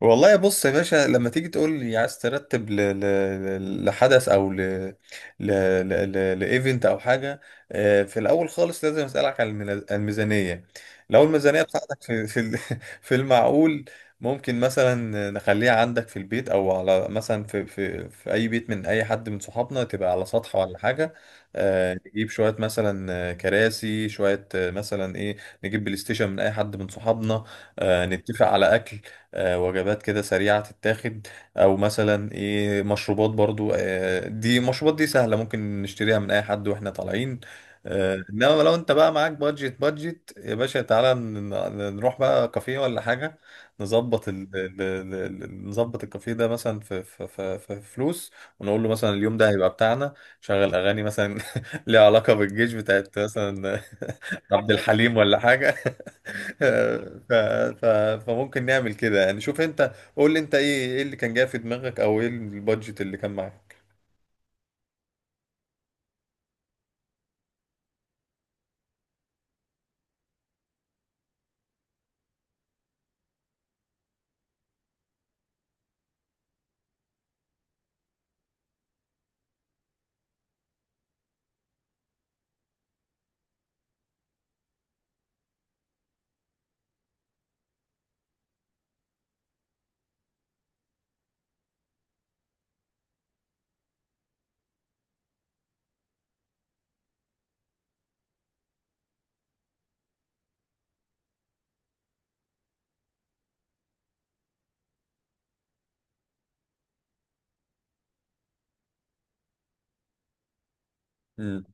والله بص يا باشا لما تيجي تقول لي عايز ترتب لحدث او ل... لايفنت او حاجه. في الاول خالص لازم اسالك على الميزانيه. لو الميزانيه بتاعتك في المعقول، ممكن مثلا نخليها عندك في البيت او على مثلا في اي بيت من اي حد من صحابنا، تبقى على سطح ولا حاجه. نجيب شويه مثلا كراسي، شويه مثلا ايه. نجيب بلاي ستيشن من اي حد من صحابنا. نتفق على اكل، وجبات كده سريعة تتاخد، أو مثلا إيه مشروبات. برضو دي مشروبات دي سهلة، ممكن نشتريها من أي حد وإحنا طالعين. إنما لو أنت بقى معاك بادجت بادجت يا باشا، تعالى نروح بقى كافيه ولا حاجة. نظبط ال... ال- ال- ال- نظبط الكافيه ده مثلا في فلوس، ونقول له مثلا اليوم ده هيبقى بتاعنا. شغل أغاني مثلا ليها علاقة بالجيش، بتاعت مثلا عبد الحليم ولا حاجة. ف... ف... فممكن نعمل كده يعني. شوف انت، قول لي انت ايه اللي كان جاي في دماغك، او ايه البادجت اللي كان معاك؟ امم،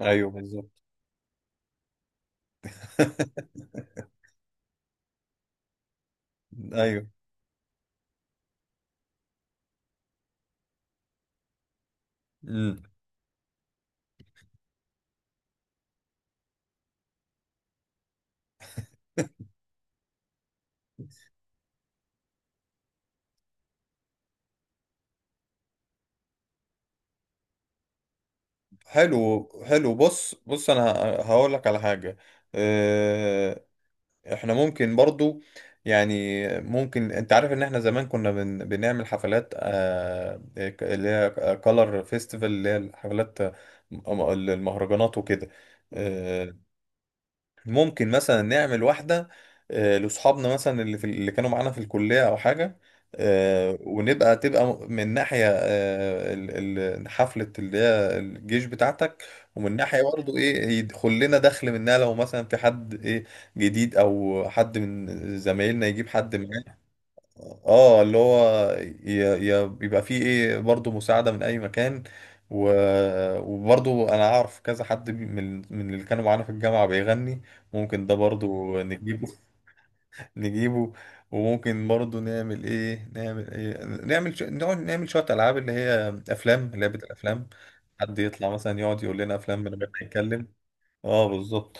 ايوه بالظبط. ايوه. امم. حلو حلو. بص بص، انا هقول لك على حاجه. اه، احنا ممكن برضو يعني ممكن، انت عارف ان احنا زمان كنا بنعمل حفلات، اللي هي كولر فيستيفال، اللي هي الحفلات، المهرجانات وكده. آه، ممكن مثلا نعمل واحدة لأصحابنا، مثلا اللي اللي كانوا معانا في الكلية أو حاجة. آه، ونبقى تبقى من ناحية حفلة اللي هي الجيش بتاعتك، ومن ناحية برضه إيه يدخل لنا دخل منها. لو مثلا في حد إيه جديد، أو حد من زمايلنا يجيب حد معاه، اه، اللي هو بيبقى فيه ايه برضه مساعدة من اي مكان. و... وبرضه انا اعرف كذا حد، من اللي كانوا معانا في الجامعة بيغني. ممكن ده برضه نجيبه. نجيبه. وممكن برضه نعمل ايه نعمل ايه نعمل ش... نقعد نعمل شوية العاب، اللي هي افلام، لعبة الافلام. حد يطلع مثلا يقعد يقول لنا افلام من غير ما يتكلم. اه بالظبط.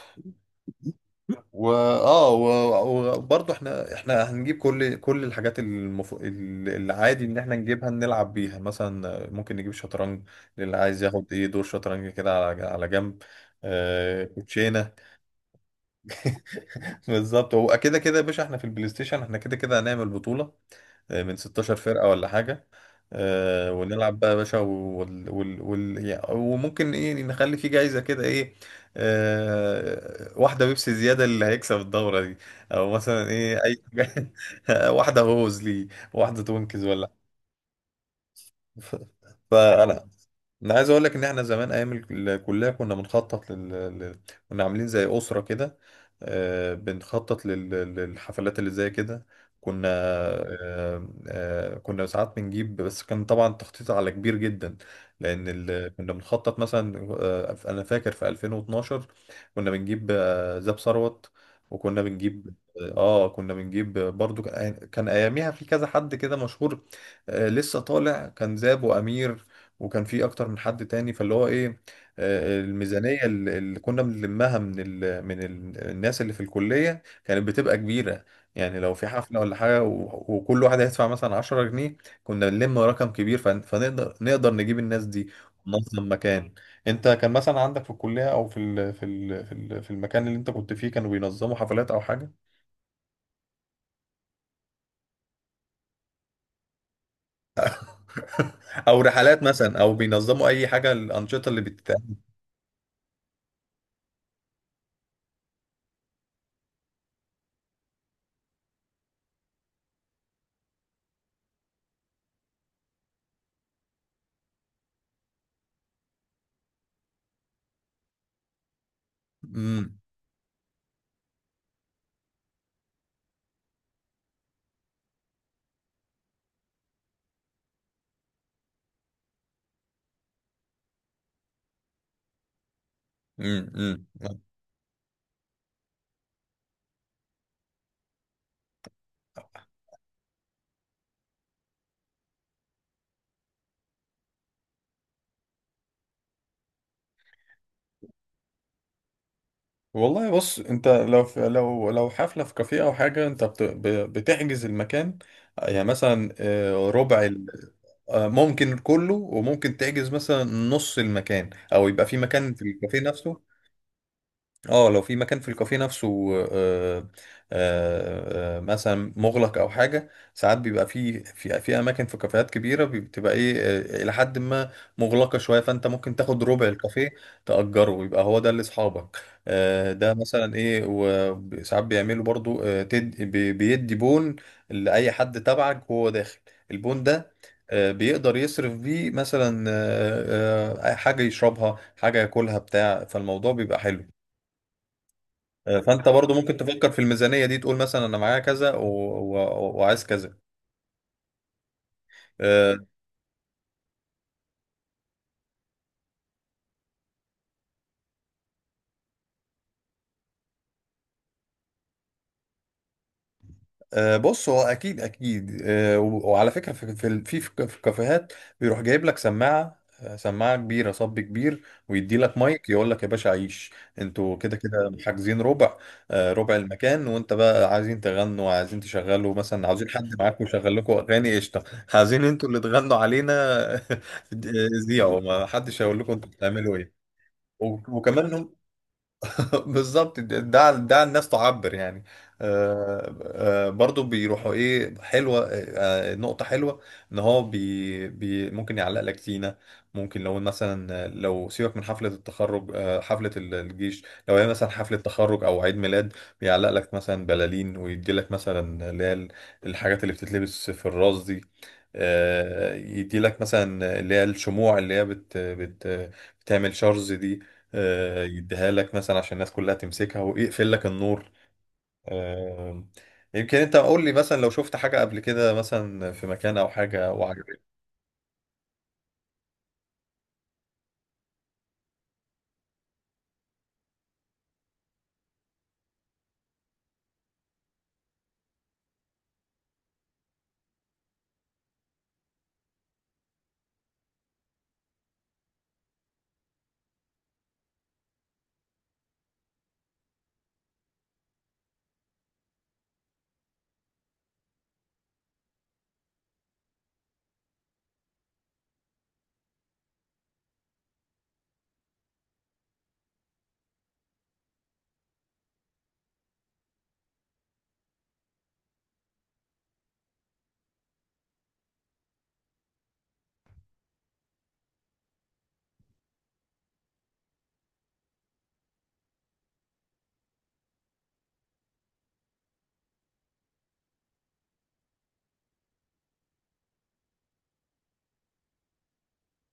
وبرضه احنا هنجيب كل الحاجات، العادي ان احنا نجيبها نلعب بيها. مثلا ممكن نجيب شطرنج، للي عايز ياخد ايه دور شطرنج كده على جنب. آه كوتشينه. بالظبط. هو كده كده يا باشا احنا في البلاي ستيشن، احنا كده كده هنعمل بطوله من 16 فرقة ولا حاجة. ونلعب بقى يا باشا، يعني وممكن ايه نخلي في جايزة كده ايه، واحدة بيبسي زيادة اللي هيكسب الدورة دي، او مثلا ايه اي واحدة هوز ليه، واحدة تونكز ولا. ف- فانا انا عايز اقول لك ان احنا زمان ايام الكليه كنا بنخطط لل... كنا عاملين زي اسره كده، بنخطط للحفلات اللي زي كده. كنا آه، آه، كنا ساعات بنجيب، بس كان طبعا تخطيط على كبير جدا، لان كنا بنخطط مثلا. انا فاكر في 2012 كنا بنجيب زاب ثروت، وكنا بنجيب اه آه، كنا بنجيب برضو. كان اياميها في كذا حد كده مشهور لسه طالع، كان زاب وامير، وكان في اكتر من حد تاني. فاللي هو ايه، الميزانيه اللي كنا بنلمها من الناس اللي في الكليه كانت بتبقى كبيره. يعني لو في حفله ولا حاجه، وكل واحد هيدفع مثلا 10 جنيه، كنا بنلم رقم كبير، فن- فنقدر نقدر نجيب الناس دي وننظم مكان. انت كان مثلا عندك في الكليه، او في ال في ال في ال في المكان اللي انت كنت فيه، كانوا بينظموا حفلات او حاجه؟ او رحلات مثلا، او بينظموا اي حاجه، الانشطه اللي بتتعمل؟ امم. والله بص، انت لو في، لو حفله في كافيه او حاجه، انت بتحجز المكان. يعني مثلا آه، ربع ال- آه، ممكن كله، وممكن تحجز مثلا نص المكان، او يبقى في مكان في الكافيه نفسه. اه، لو في مكان في الكافيه نفسه آه، مثلا مغلق او حاجه. ساعات بيبقى في في اماكن في كافيهات كبيره، بتبقى ايه الى حد ما مغلقه شويه، فانت ممكن تاخد ربع الكافيه، تاجره، يبقى هو ده لاصحابك. ده مثلا ايه. وساعات بيعملوا برضو بيدي بون لاي حد تبعك وهو داخل. البون ده بيقدر يصرف بيه مثلا حاجه يشربها، حاجه ياكلها، بتاع، فالموضوع بيبقى حلو. فانت برضو ممكن تفكر في الميزانيه دي، تقول مثلا انا معايا كذا و... وعايز كذا. آه، بص، هو اكيد اكيد وعلى فكره، في في الكافيهات بيروح جايب لك سماعه كبيره، صب كبير، ويدي لك مايك، يقول لك يا باشا عيش، انتوا كده كده حاجزين ربع ربع المكان، وانت بقى عايزين تغنوا، عايزين تشغلوا مثلا، عاوزين حد معاكم يشغل لكم اغاني قشطه، عايزين انتوا اللي تغنوا علينا. زيعوا، ما حدش هيقول لكم انتوا بتعملوا ايه. وكمان بالظبط، ده ده الناس تعبر يعني. آه، برضو بيروحوا ايه، حلوه نقطه حلوه، ان هو بي بي ممكن يعلق لك زينه. ممكن لو مثلا، لو سيبك من حفله التخرج، حفله الجيش، لو هي مثلا حفله تخرج او عيد ميلاد، بيعلق لك مثلا بلالين، ويدي لك مثلا اللي هي الحاجات اللي بتتلبس في الراس دي، يدي لك مثلا اللي هي الشموع، اللي هي بت بت بتعمل شرز دي، يديها لك مثلا عشان الناس كلها تمسكها، ويقفل لك النور. آه، يمكن انت قول لي مثلا، لو شفت حاجة قبل كده مثلا في مكان او حاجة وعجبتك.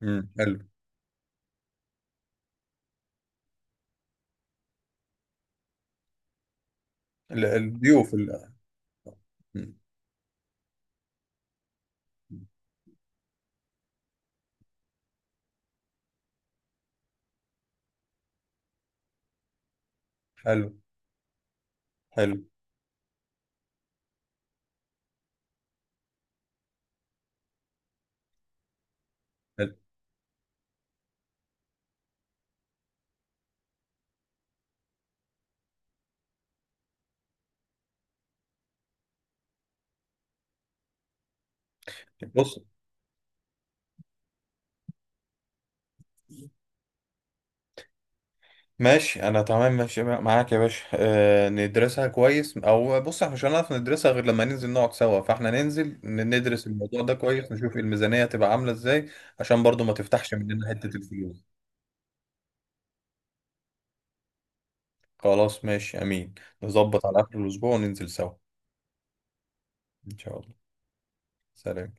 حلو. الضيوف مم. حلو حلو حلو. بص، ماشي. انا تمام، ماشي معاك يا باشا. ندرسها كويس. او بص، احنا مش هنعرف ندرسها غير لما ننزل نقعد سوا. فاحنا ننزل ندرس الموضوع ده كويس، نشوف الميزانية تبقى عاملة ازاي، عشان برضو ما تفتحش مننا حتة الفلوس. خلاص، ماشي امين. نظبط على اخر الاسبوع وننزل سوا. ان شاء الله. سلام.